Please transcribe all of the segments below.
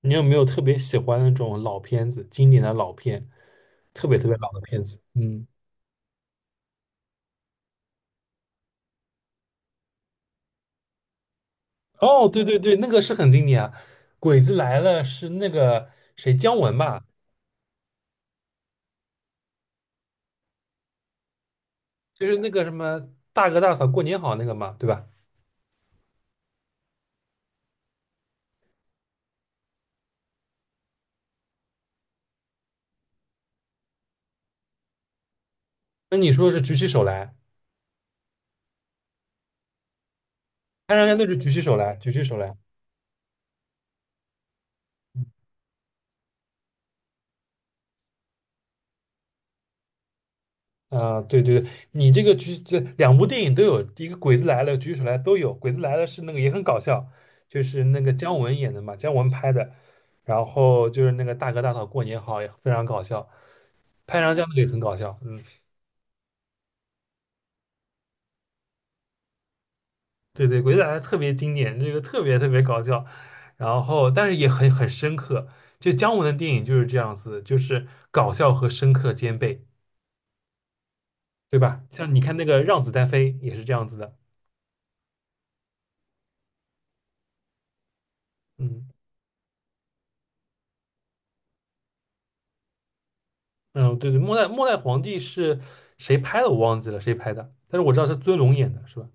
你有没有特别喜欢的那种老片子，经典的老片，特别特别老的片子？嗯，哦，对对对，那个是很经典啊，《鬼子来了》是那个谁姜文吧？就是那个什么大哥大嫂过年好那个嘛，对吧？那你说是举起手来，他让人家那是举起手来，举起手来。嗯啊，对对对，你这个举这两部电影都有，一个《鬼子来了》《举手来》都有，《鬼子来了》是那个也很搞笑，就是那个姜文演的嘛，姜文拍的，然后就是那个大哥大嫂过年好也非常搞笑，拍长江那个也很搞笑，嗯，对对，《鬼子来了》特别经典，这个特别特别搞笑，然后但是也很深刻，就姜文的电影就是这样子，就是搞笑和深刻兼备，对吧？像你看那个《让子弹飞》也是这样子的。嗯。嗯，对对，末代皇帝是谁拍的？我忘记了谁拍的，但是我知道是尊龙演的，是吧？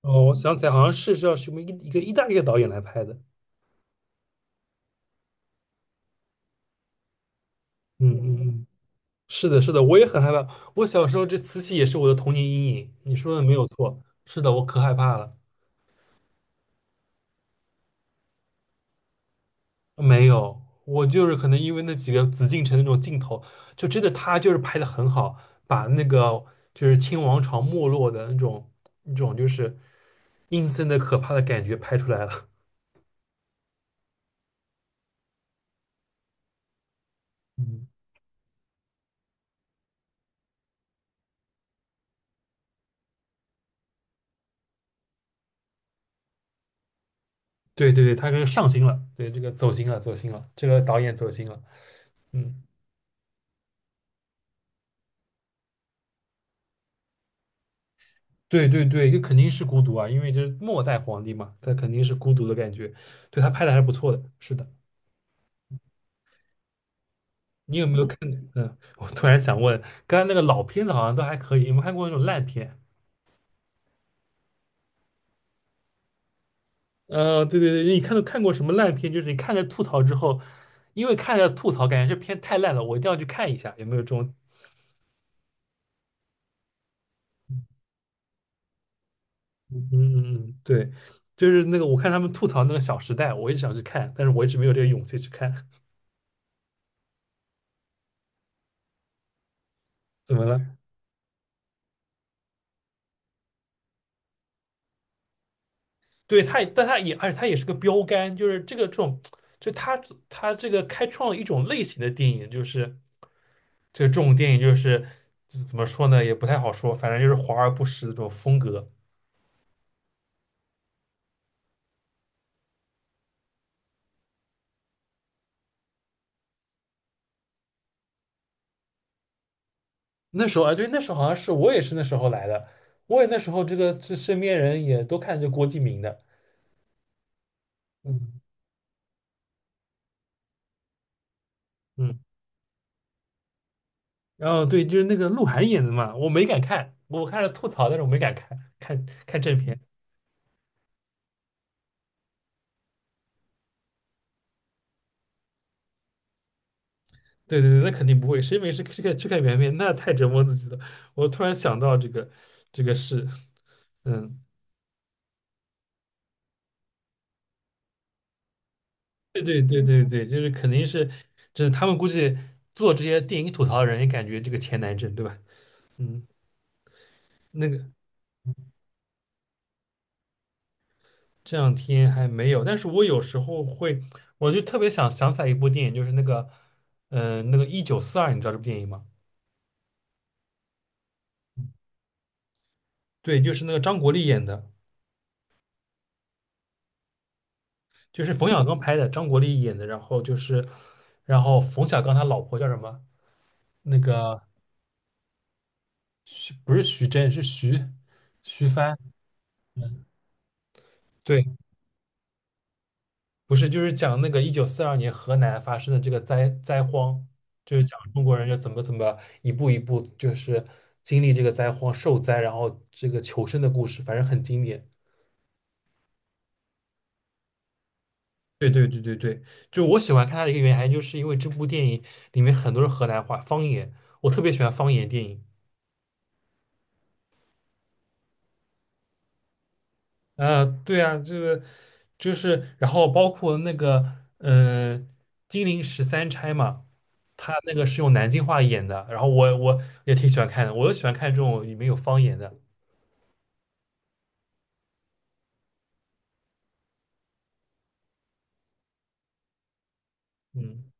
哦，我想起来，好像是叫什么一个意大利的导演来拍的。嗯嗯嗯，是的，是的，我也很害怕。我小时候这慈禧也是我的童年阴影，你说的没有错。是的，我可害怕了。没有，我就是可能因为那几个紫禁城那种镜头，就真的他就是拍的很好，把那个就是清王朝没落的那种那种就是阴森的可怕的感觉拍出来了。嗯。对对对，他这个上心了，对这个走心了，走心了，这个导演走心了，嗯，对对对，这肯定是孤独啊，因为这是末代皇帝嘛，他肯定是孤独的感觉，对他拍的还是不错的，是的，你有没有看？嗯，我突然想问，刚才那个老片子好像都还可以，有没有看过那种烂片？对对对，你看到看过什么烂片？就是你看着吐槽之后，因为看着吐槽，感觉这片太烂了，我一定要去看一下，有没有这种？嗯嗯嗯，嗯对，就是那个我看他们吐槽那个《小时代》，我一直想去看，但是我一直没有这个勇气去看。怎么了？对，他也，但他也，而且他也是个标杆，就是这个这种，就他这个开创了一种类型的电影，就是这个这种电影就是这怎么说呢，也不太好说，反正就是华而不实的这种风格。那时候啊，对，那时候好像是我也是那时候来的，我也那时候这个这身边人也都看这郭敬明的，嗯嗯，然后对，就是那个鹿晗演的嘛，我没敢看，我看了吐槽，但是我没敢看正片。对对对，那肯定不会，谁没事去看圆面，那太折磨自己了。我突然想到这个事，嗯，对对对对对，就是肯定是，就是他们估计做这些电影吐槽的人也感觉这个钱难挣，对吧？嗯，那个这两天还没有，但是我有时候会，我就特别想起来一部电影，就是那个，那个一九四二，你知道这部电影吗？对，就是那个张国立演的，就是冯小刚拍的，张国立演的，然后就是，然后冯小刚他老婆叫什么？那个。徐不是徐峥，是徐帆。嗯，对，不是，就是讲那个1942年河南发生的这个荒，就是讲中国人就怎么一步一步就是经历这个灾荒受灾，然后这个求生的故事，反正很经典。对对对对对，就我喜欢看它的一个原因，就是因为这部电影里面很多是河南话方言，我特别喜欢方言电影。啊，对啊，这个就是，然后包括那个，金陵十三钗嘛，他那个是用南京话演的，然后我也挺喜欢看的，我就喜欢看这种里面有方言的，嗯，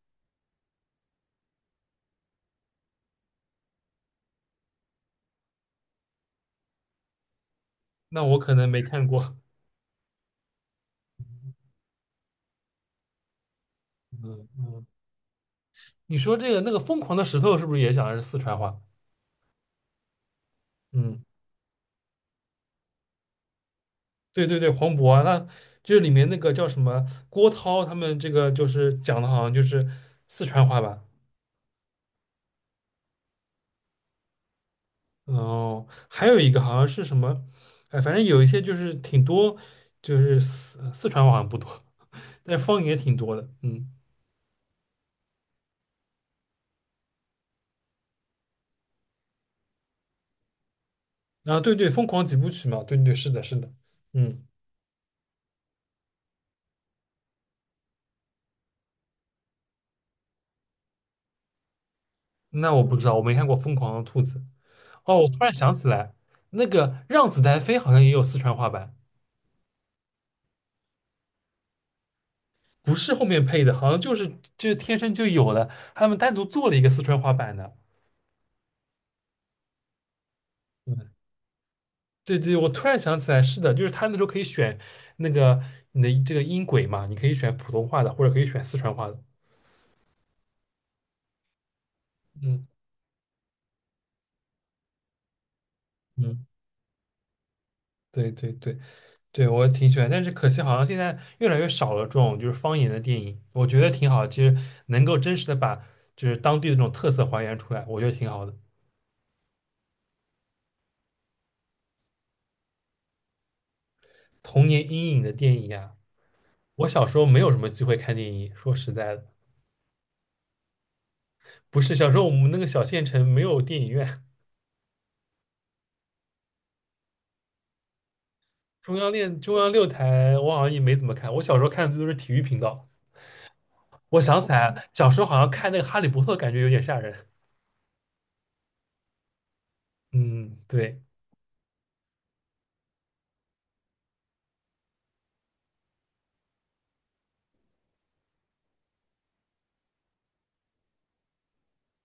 那我可能没看过，嗯嗯，你说这个那个疯狂的石头是不是也讲的是四川话？嗯，对对对，黄渤啊那就是里面那个叫什么郭涛他们这个就是讲的好像就是四川话吧，哦，还有一个好像是什么，哎，反正有一些就是挺多，就是四川话好像不多，但是方言挺多的，嗯。啊，对对，《疯狂几部曲》嘛，对对，是的，是的，嗯，那我不知道，我没看过《疯狂的兔子》。哦，我突然想起来，那个《让子弹飞》好像也有四川话版，不是后面配的，好像就是天生就有的，他们单独做了一个四川话版的。嗯。对对，我突然想起来，是的，就是他那时候可以选那个你的这个音轨嘛，你可以选普通话的，或者可以选四川话的。嗯嗯，对对对对，我挺喜欢，但是可惜好像现在越来越少了这种就是方言的电影，我觉得挺好，其实能够真实的把就是当地的这种特色还原出来，我觉得挺好的。童年阴影的电影呀、我小时候没有什么机会看电影，说实在的，不是小时候我们那个小县城没有电影院。中央六台，我好像也没怎么看。我小时候看的最多是体育频道。我想起来，小时候好像看那个《哈利波特》，感觉有点吓人。嗯，对，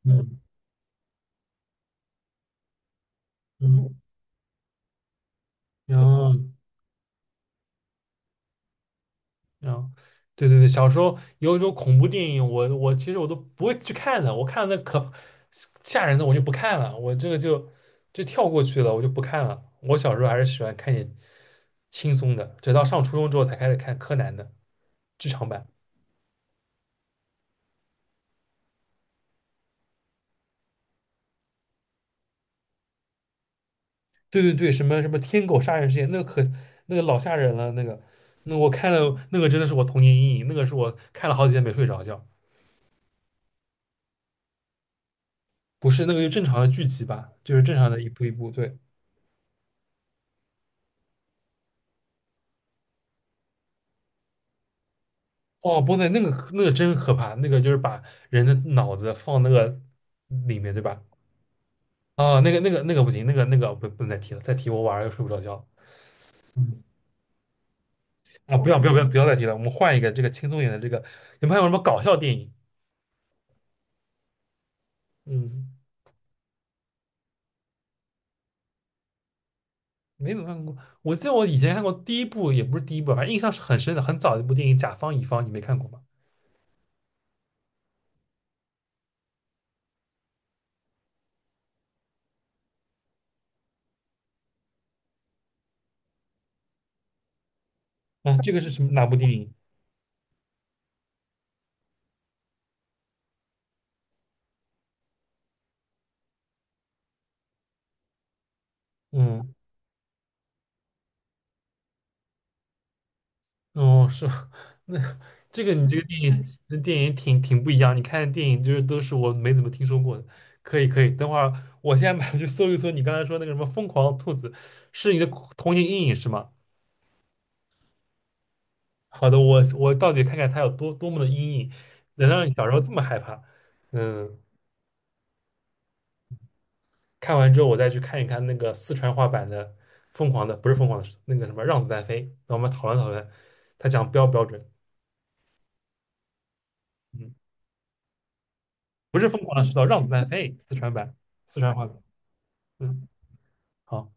嗯嗯，嗯然后然后，对对对，小时候有一种恐怖电影，我其实我都不会去看的。我看那可吓人的，我就不看了。我这个就跳过去了，我就不看了。我小时候还是喜欢看点轻松的，直到上初中之后才开始看柯南的剧场版。对对对，什么什么天狗杀人事件，那个可那个老吓人了，那个那我看了那个真的是我童年阴影，那个是我看了好几天没睡着觉，不是那个就正常的剧集吧，就是正常的一步一步，对，哦，不对，那个那个真可怕，那个就是把人的脑子放那个里面，对吧？啊，那个不行，那个不能再提了，再提我晚上又睡不着觉了嗯，啊，不要不要不要不要再提了，我们换一个这个轻松一点的这个，你们还有什么搞笑电影？嗯。没怎么看过。我记得我以前看过第一部，也不是第一部，反正印象是很深的，很早的一部电影《甲方乙方》，你没看过吗？啊，这个是什么哪部电影？嗯，哦，是吗？ 那这个你这个电影，那电影挺不一样。你看的电影就是都是我没怎么听说过的。可以可以，等会儿我现在马上去搜一搜你刚才说那个什么《疯狂兔子》，是你的童年阴影是吗？好的，我到底看看它有多么的阴影，能让你小时候这么害怕？嗯。看完之后，我再去看一看那个四川话版的《疯狂的》，不是《疯狂的石头》，那个什么《让子弹飞》，那我们讨论讨论，他讲标不标准？嗯，不是《疯狂的石头》，《让子弹飞》四川版，四川话版。嗯，好。